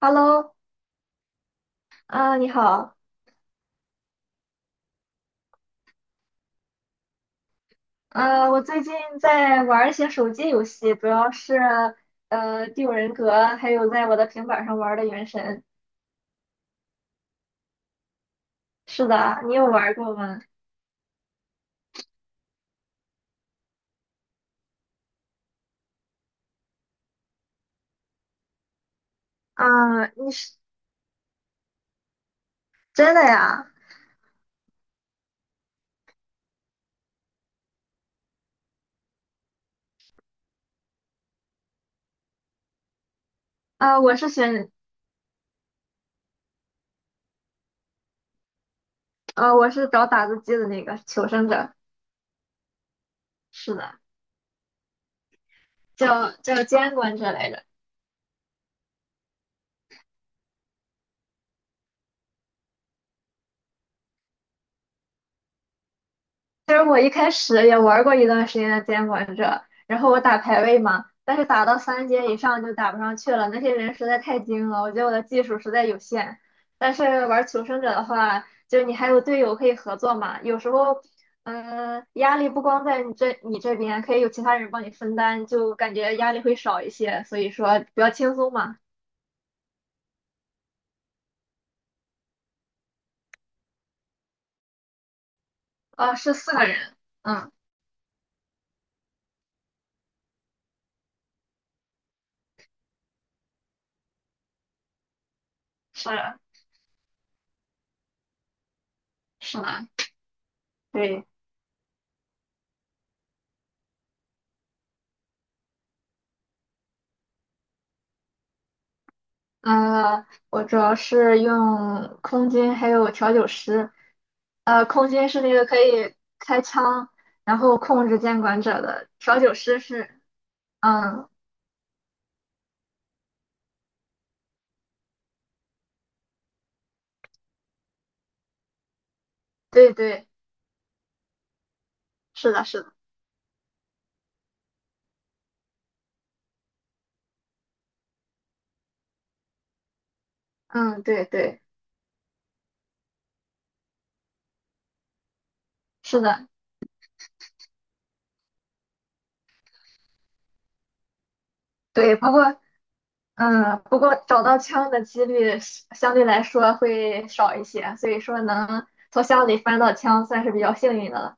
Hello，啊、你好。啊，我最近在玩一些手机游戏，主要是《第五人格》，还有在我的平板上玩的《原神》。是的，你有玩过吗？啊、你是真的呀？啊、我是选，啊，我是找打字机的那个求生者，是的，叫监管者来着。其实我一开始也玩过一段时间的监管者，然后我打排位嘛，但是打到三阶以上就打不上去了，那些人实在太精了，我觉得我的技术实在有限。但是玩求生者的话，就你还有队友可以合作嘛，有时候，嗯、压力不光在你这边，可以有其他人帮你分担，就感觉压力会少一些，所以说比较轻松嘛。啊，是四个人。嗯，是是的，对。我主要是用空军还有调酒师。空军是那个可以开枪，然后控制监管者的，调酒师是，嗯，对对，是的，是的。嗯，对对，是的，对。不过找到枪的几率是相对来说会少一些，所以说能从箱里翻到枪算是比较幸运的了。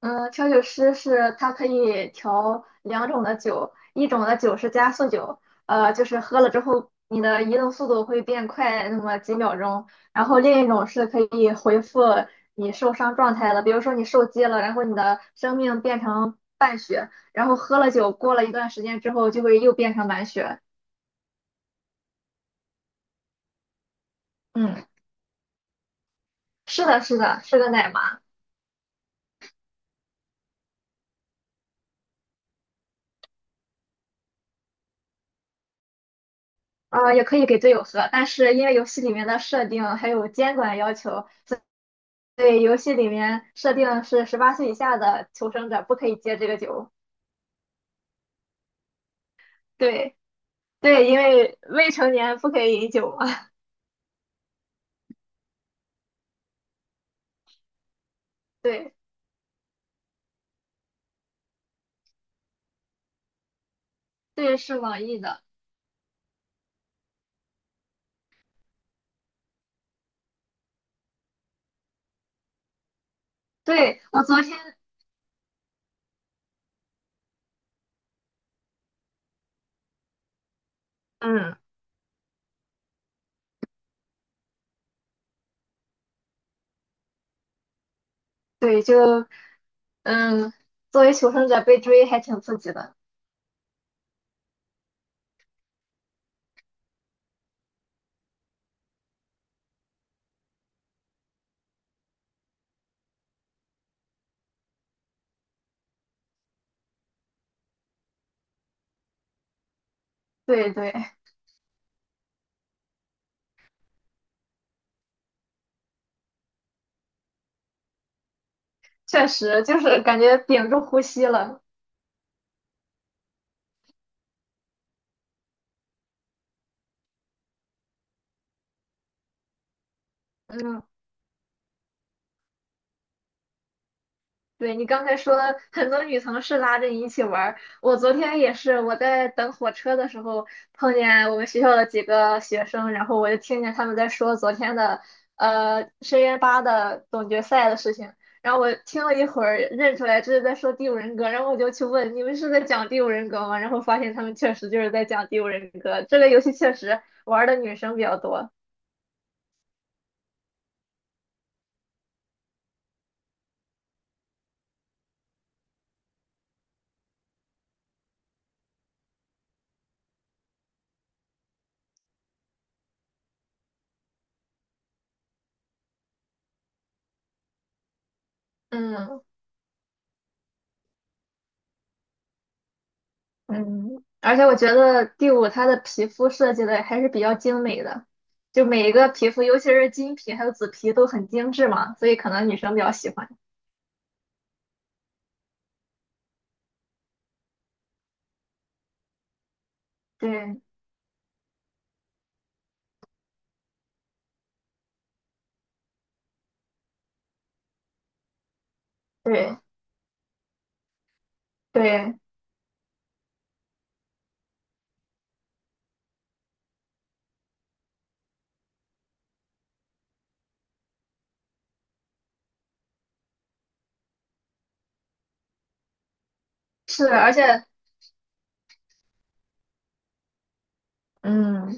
嗯，调酒师是他可以调两种的酒，一种的酒是加速酒。就是喝了之后你的移动速度会变快那么几秒钟，然后另一种是可以恢复你受伤状态的，比如说你受击了，然后你的生命变成半血，然后喝了酒过了一段时间之后就会又变成满血。嗯，是的，是的，是个奶妈。啊，也可以给队友喝，但是因为游戏里面的设定还有监管要求。对，游戏里面设定是18岁以下的求生者不可以接这个酒。对对，因为未成年不可以饮酒嘛。对对，是网易的。对，我昨天嗯，对，就嗯，作为求生者被追还挺刺激的。对对，确实就是感觉屏住呼吸了。嗯。对你刚才说很多女同事拉着你一起玩儿，我昨天也是，我在等火车的时候碰见我们学校的几个学生，然后我就听见他们在说昨天的深渊八的总决赛的事情，然后我听了一会儿认出来这是在说第五人格，然后我就去问你们是在讲第五人格吗？然后发现他们确实就是在讲第五人格，这个游戏确实玩儿的女生比较多。嗯。嗯，而且我觉得第五它的皮肤设计的还是比较精美的，就每一个皮肤，尤其是金皮还有紫皮都很精致嘛，所以可能女生比较喜欢。对对对，是，而且嗯，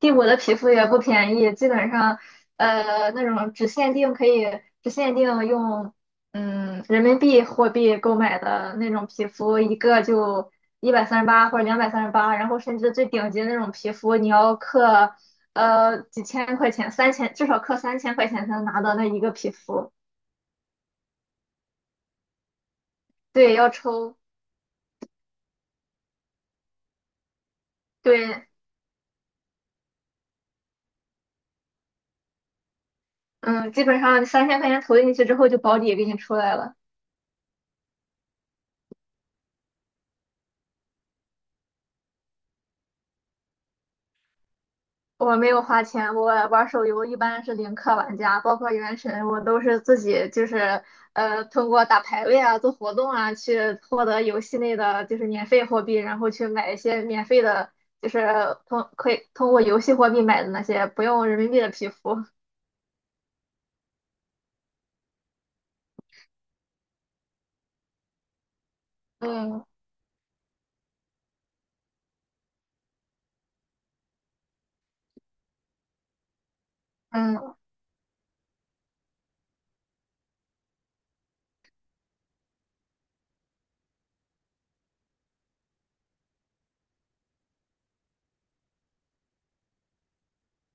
第五的皮肤也不便宜，基本上，那种只限定用，嗯，人民币货币购买的那种皮肤，一个就138或者238，然后甚至最顶级的那种皮肤，你要克，几千块钱，三千至少克三千块钱才能拿到那一个皮肤。对，要抽，对。嗯，基本上三千块钱投进去之后就保底给你出来了。我没有花钱，我玩手游一般是零氪玩家，包括原神，我都是自己就是通过打排位啊、做活动啊，去获得游戏内的就是免费货币，然后去买一些免费的，就是通可以通过游戏货币买的那些不用人民币的皮肤。嗯嗯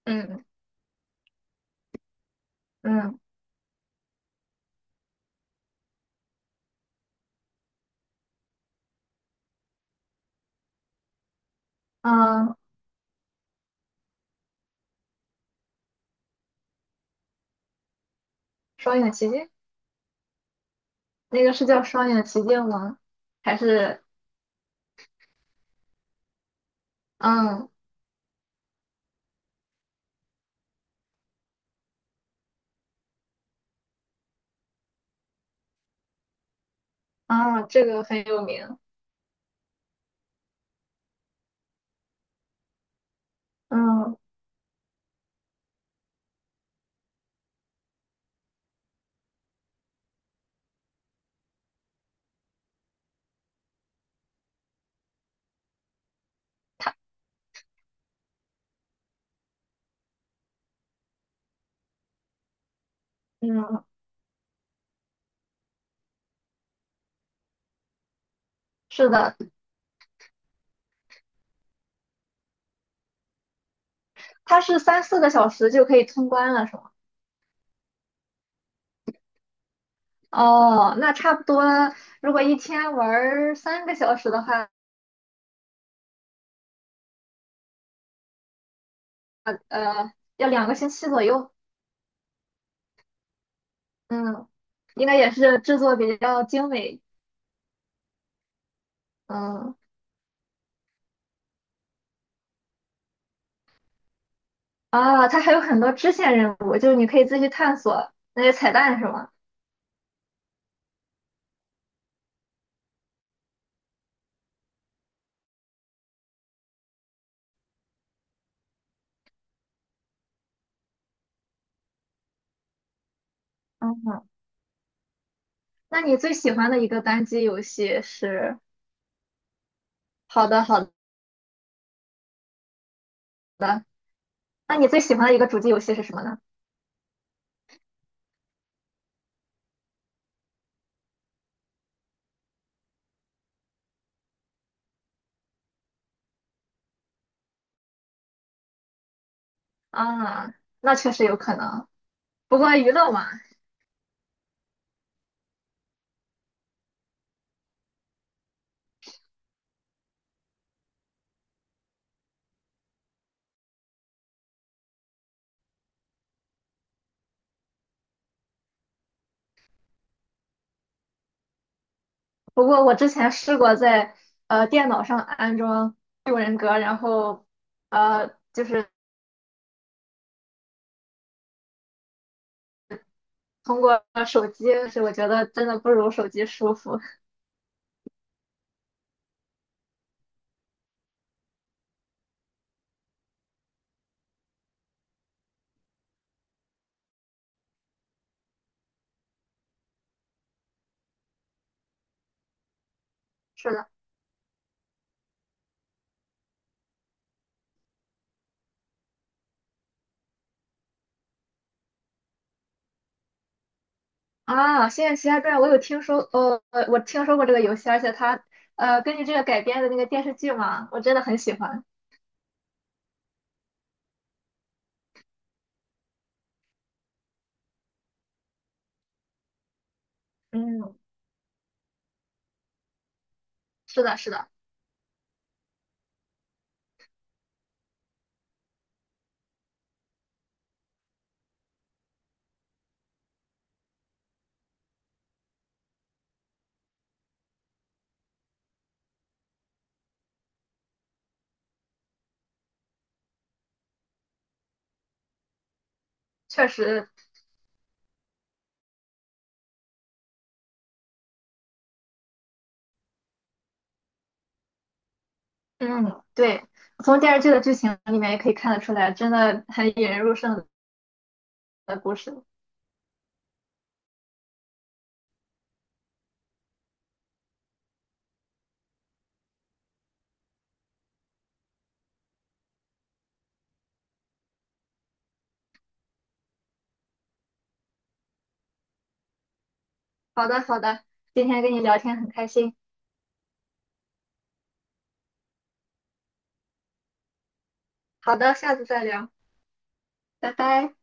嗯嗯嗯，双影奇境，那个是叫双影奇境吗？还是嗯啊，这个很有名。嗯嗯，是的，它是三四个小时就可以通关了，是吗？哦，那差不多，如果一天玩儿3个小时的话，呃，要2个星期左右。嗯，应该也是制作比较精美。嗯，啊，它还有很多支线任务，就是你可以自己探索那些彩蛋，是吗？嗯，那你最喜欢的一个单机游戏是？好的，好的。那你最喜欢的一个主机游戏是什么呢？啊，那确实有可能。不过娱乐嘛。不过我之前试过在电脑上安装六人格，然后就是通过手机，是我觉得真的不如手机舒服。是的。啊，《仙剑奇侠传》我有听说。我听说过这个游戏，而且它根据这个改编的那个电视剧嘛，我真的很喜欢。嗯，是的，是的，确实。嗯，对，从电视剧的剧情里面也可以看得出来，真的很引人入胜的故事。好的，好的，今天跟你聊天很开心。好的，下次再聊，拜拜。